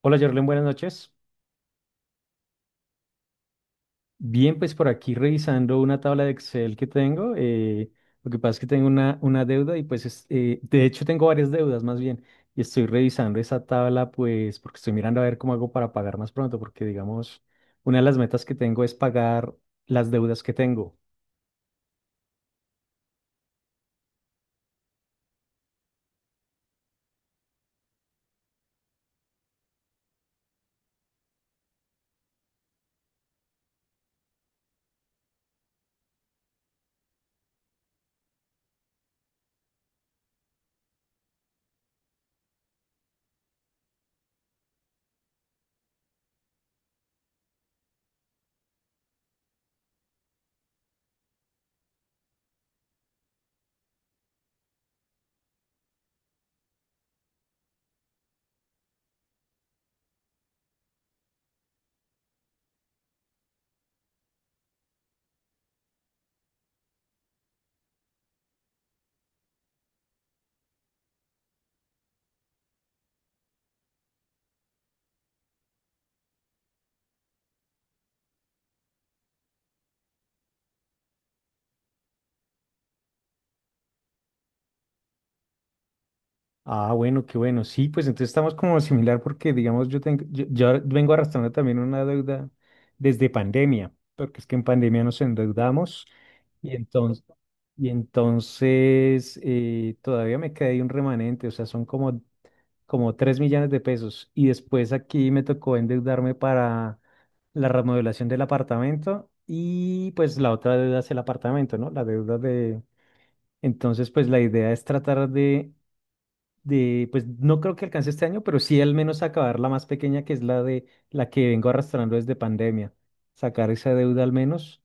Hola, Jorlen, buenas noches. Bien, pues por aquí revisando una tabla de Excel que tengo. Lo que pasa es que tengo una deuda y pues, de hecho tengo varias deudas más bien. Y estoy revisando esa tabla pues porque estoy mirando a ver cómo hago para pagar más pronto porque digamos, una de las metas que tengo es pagar las deudas que tengo. Ah, bueno, qué bueno. Sí, pues entonces estamos como similar porque, digamos, yo ahora vengo arrastrando también una deuda desde pandemia, porque es que en pandemia nos endeudamos. Y entonces, y entonces eh, todavía me quedé ahí un remanente, o sea, son como 3 millones de pesos. Y después aquí me tocó endeudarme para la remodelación del apartamento y pues la otra deuda es el apartamento, ¿no? La deuda de... Entonces, pues la idea es tratar de, pues no creo que alcance este año, pero sí al menos acabar la más pequeña, que es la de la que vengo arrastrando desde pandemia. Sacar esa deuda al menos,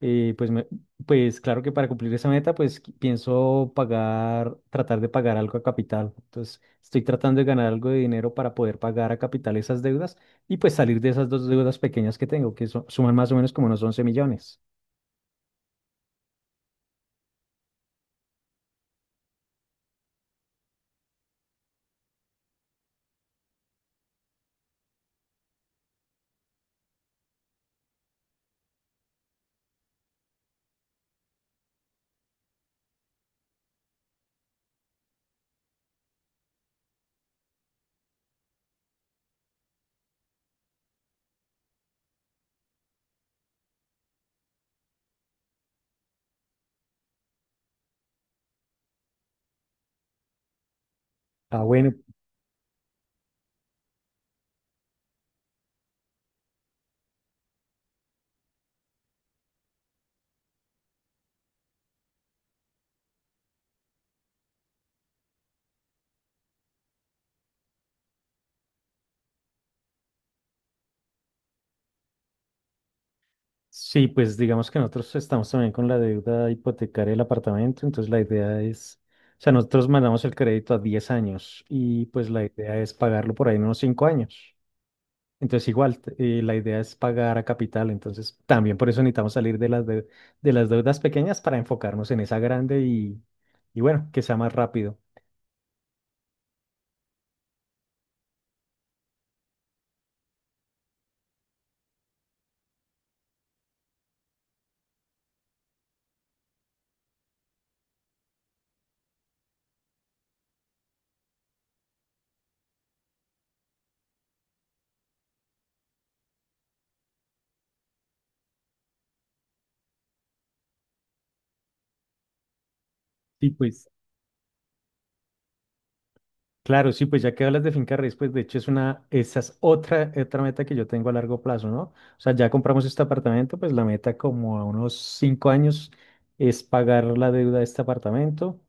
pues, pues claro que para cumplir esa meta, pues pienso pagar, tratar de pagar algo a capital. Entonces, estoy tratando de ganar algo de dinero para poder pagar a capital esas deudas y pues salir de esas dos deudas pequeñas que tengo, suman más o menos como unos 11 millones. Ah, bueno, sí, pues digamos que nosotros estamos también con la deuda hipotecaria del apartamento, entonces la idea es, o sea, nosotros mandamos el crédito a 10 años y pues la idea es pagarlo por ahí en unos 5 años. Entonces igual, la idea es pagar a capital, entonces también por eso necesitamos salir de las deudas pequeñas para enfocarnos en esa grande y bueno, que sea más rápido. Sí, pues claro, sí, pues ya que hablas de finca raíz, pues de hecho esa es otra meta que yo tengo a largo plazo, ¿no? O sea, ya compramos este apartamento, pues la meta como a unos 5 años es pagar la deuda de este apartamento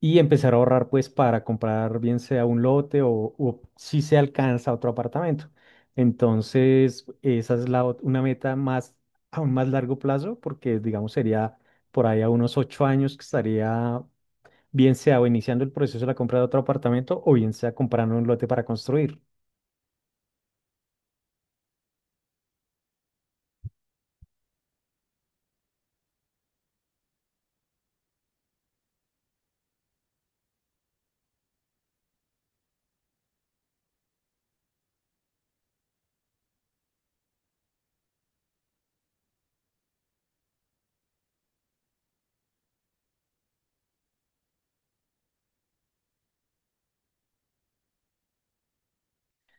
y empezar a ahorrar pues para comprar bien sea un lote o si se alcanza otro apartamento. Entonces, esa es una meta más, aún más largo plazo, porque digamos sería por ahí a unos 8 años que estaría bien sea o iniciando el proceso de la compra de otro apartamento o bien sea comprando un lote para construir.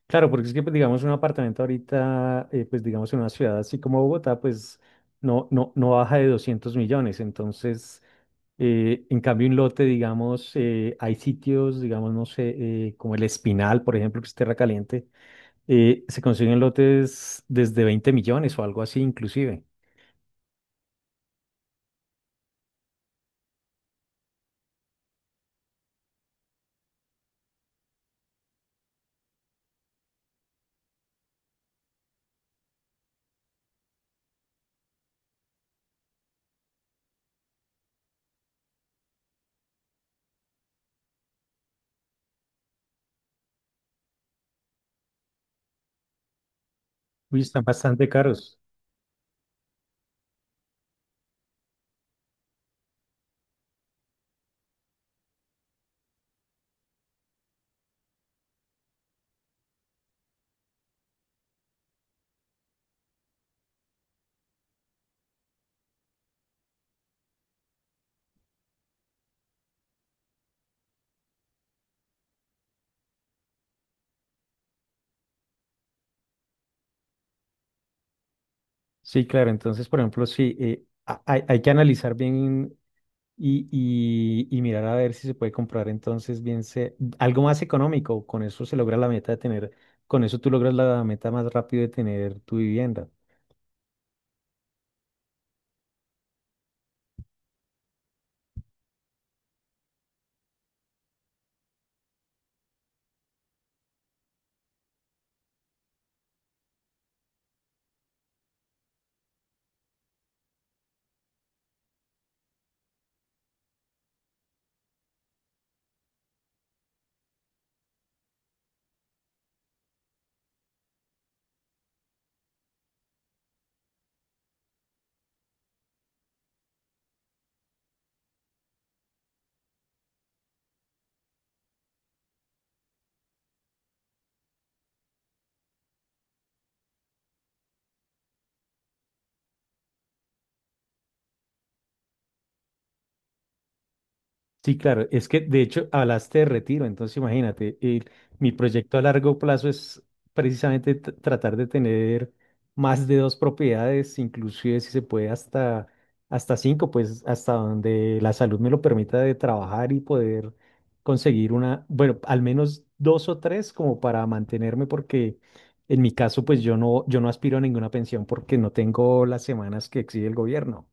Claro, porque es que, pues, digamos, un apartamento ahorita, pues, digamos, en una ciudad así como Bogotá, pues, no, no, no baja de 200 millones. Entonces, en cambio, un lote, digamos, hay sitios, digamos, no sé, como el Espinal, por ejemplo, que es tierra caliente, se consiguen lotes desde 20 millones o algo así, inclusive. Uy, están bastante caros. Sí, claro. Entonces, por ejemplo, sí, hay que analizar bien. Y mirar a ver si se puede comprar entonces algo más económico. Con eso se logra la meta de tener, con eso tú logras la meta más rápido de tener tu vivienda. Sí, claro, es que de hecho hablaste de retiro, entonces imagínate, mi proyecto a largo plazo es precisamente tratar de tener más de dos propiedades, inclusive si se puede hasta cinco, pues hasta donde la salud me lo permita de trabajar y poder conseguir una, bueno, al menos dos o tres como para mantenerme, porque en mi caso pues yo no, yo no aspiro a ninguna pensión porque no tengo las semanas que exige el gobierno.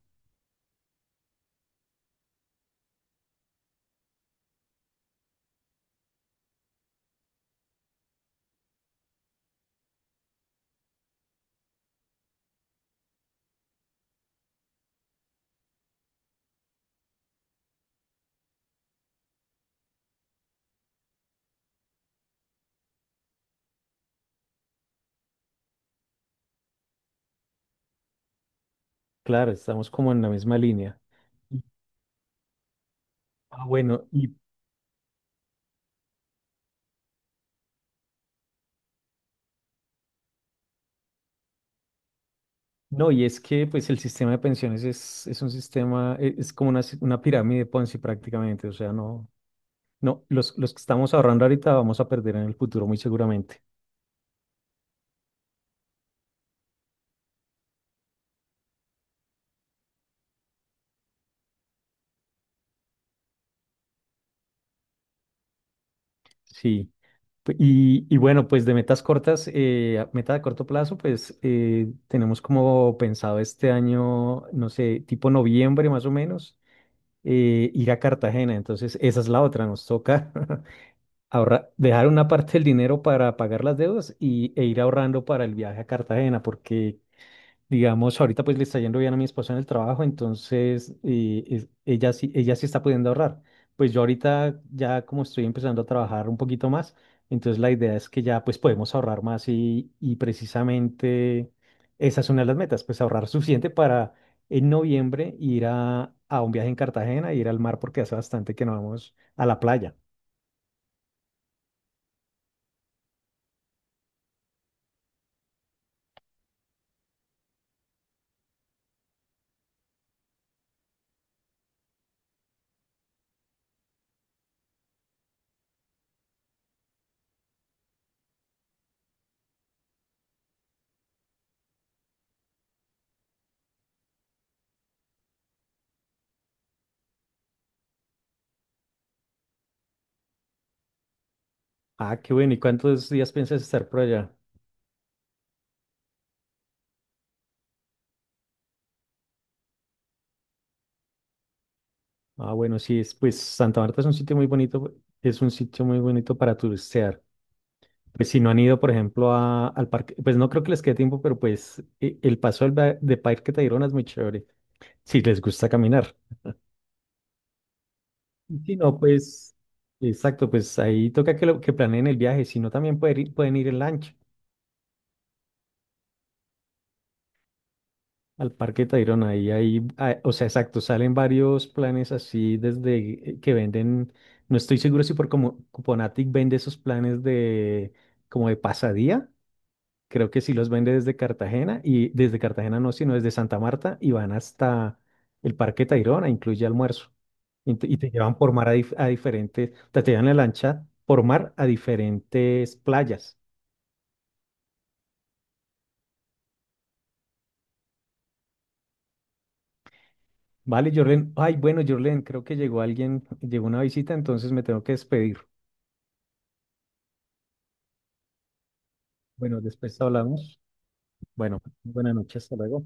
Claro, estamos como en la misma línea. Ah, bueno, y no, y es que pues el sistema de pensiones es un sistema, es como una, una pirámide Ponzi prácticamente, o sea, no, no, los que estamos ahorrando ahorita vamos a perder en el futuro muy seguramente, sí. Y bueno, pues de metas cortas, meta de corto plazo, pues tenemos como pensado este año, no sé, tipo noviembre más o menos, ir a Cartagena, entonces esa es la otra, nos toca. Ahorrar, dejar una parte del dinero para pagar las deudas e ir ahorrando para el viaje a Cartagena, porque, digamos, ahorita pues le está yendo bien a mi esposa en el trabajo, entonces ella sí está pudiendo ahorrar. Pues yo ahorita ya como estoy empezando a trabajar un poquito más, entonces la idea es que ya pues podemos ahorrar más y precisamente esa es una de las metas, pues ahorrar suficiente para en noviembre ir a un viaje en Cartagena, ir al mar porque hace bastante que no vamos a la playa. Ah, qué bueno. ¿Y cuántos días piensas estar por allá? Ah, bueno, sí, pues Santa Marta es un sitio muy bonito, es un sitio muy bonito para turistear. Pues si no han ido, por ejemplo, al parque, pues no creo que les quede tiempo, pero pues el paso de Parque Tayrona es muy chévere, si les gusta caminar. Y si no, pues, exacto, pues ahí toca que planeen el viaje, si no también pueden ir en lancha. Al Parque Tayrona, o sea, exacto, salen varios planes así desde que venden, no estoy seguro si por como Cuponatic vende esos planes de como de pasadía, creo que sí los vende desde Cartagena y desde Cartagena no, sino desde Santa Marta y van hasta el Parque Tayrona, incluye almuerzo. Y te llevan por mar a diferentes, te llevan en la lancha por mar a diferentes playas. Vale, Jorlen, ay, bueno, Jorlen, creo que llegó alguien, llegó una visita, entonces me tengo que despedir. Bueno, después hablamos. Bueno, buenas noches, hasta luego.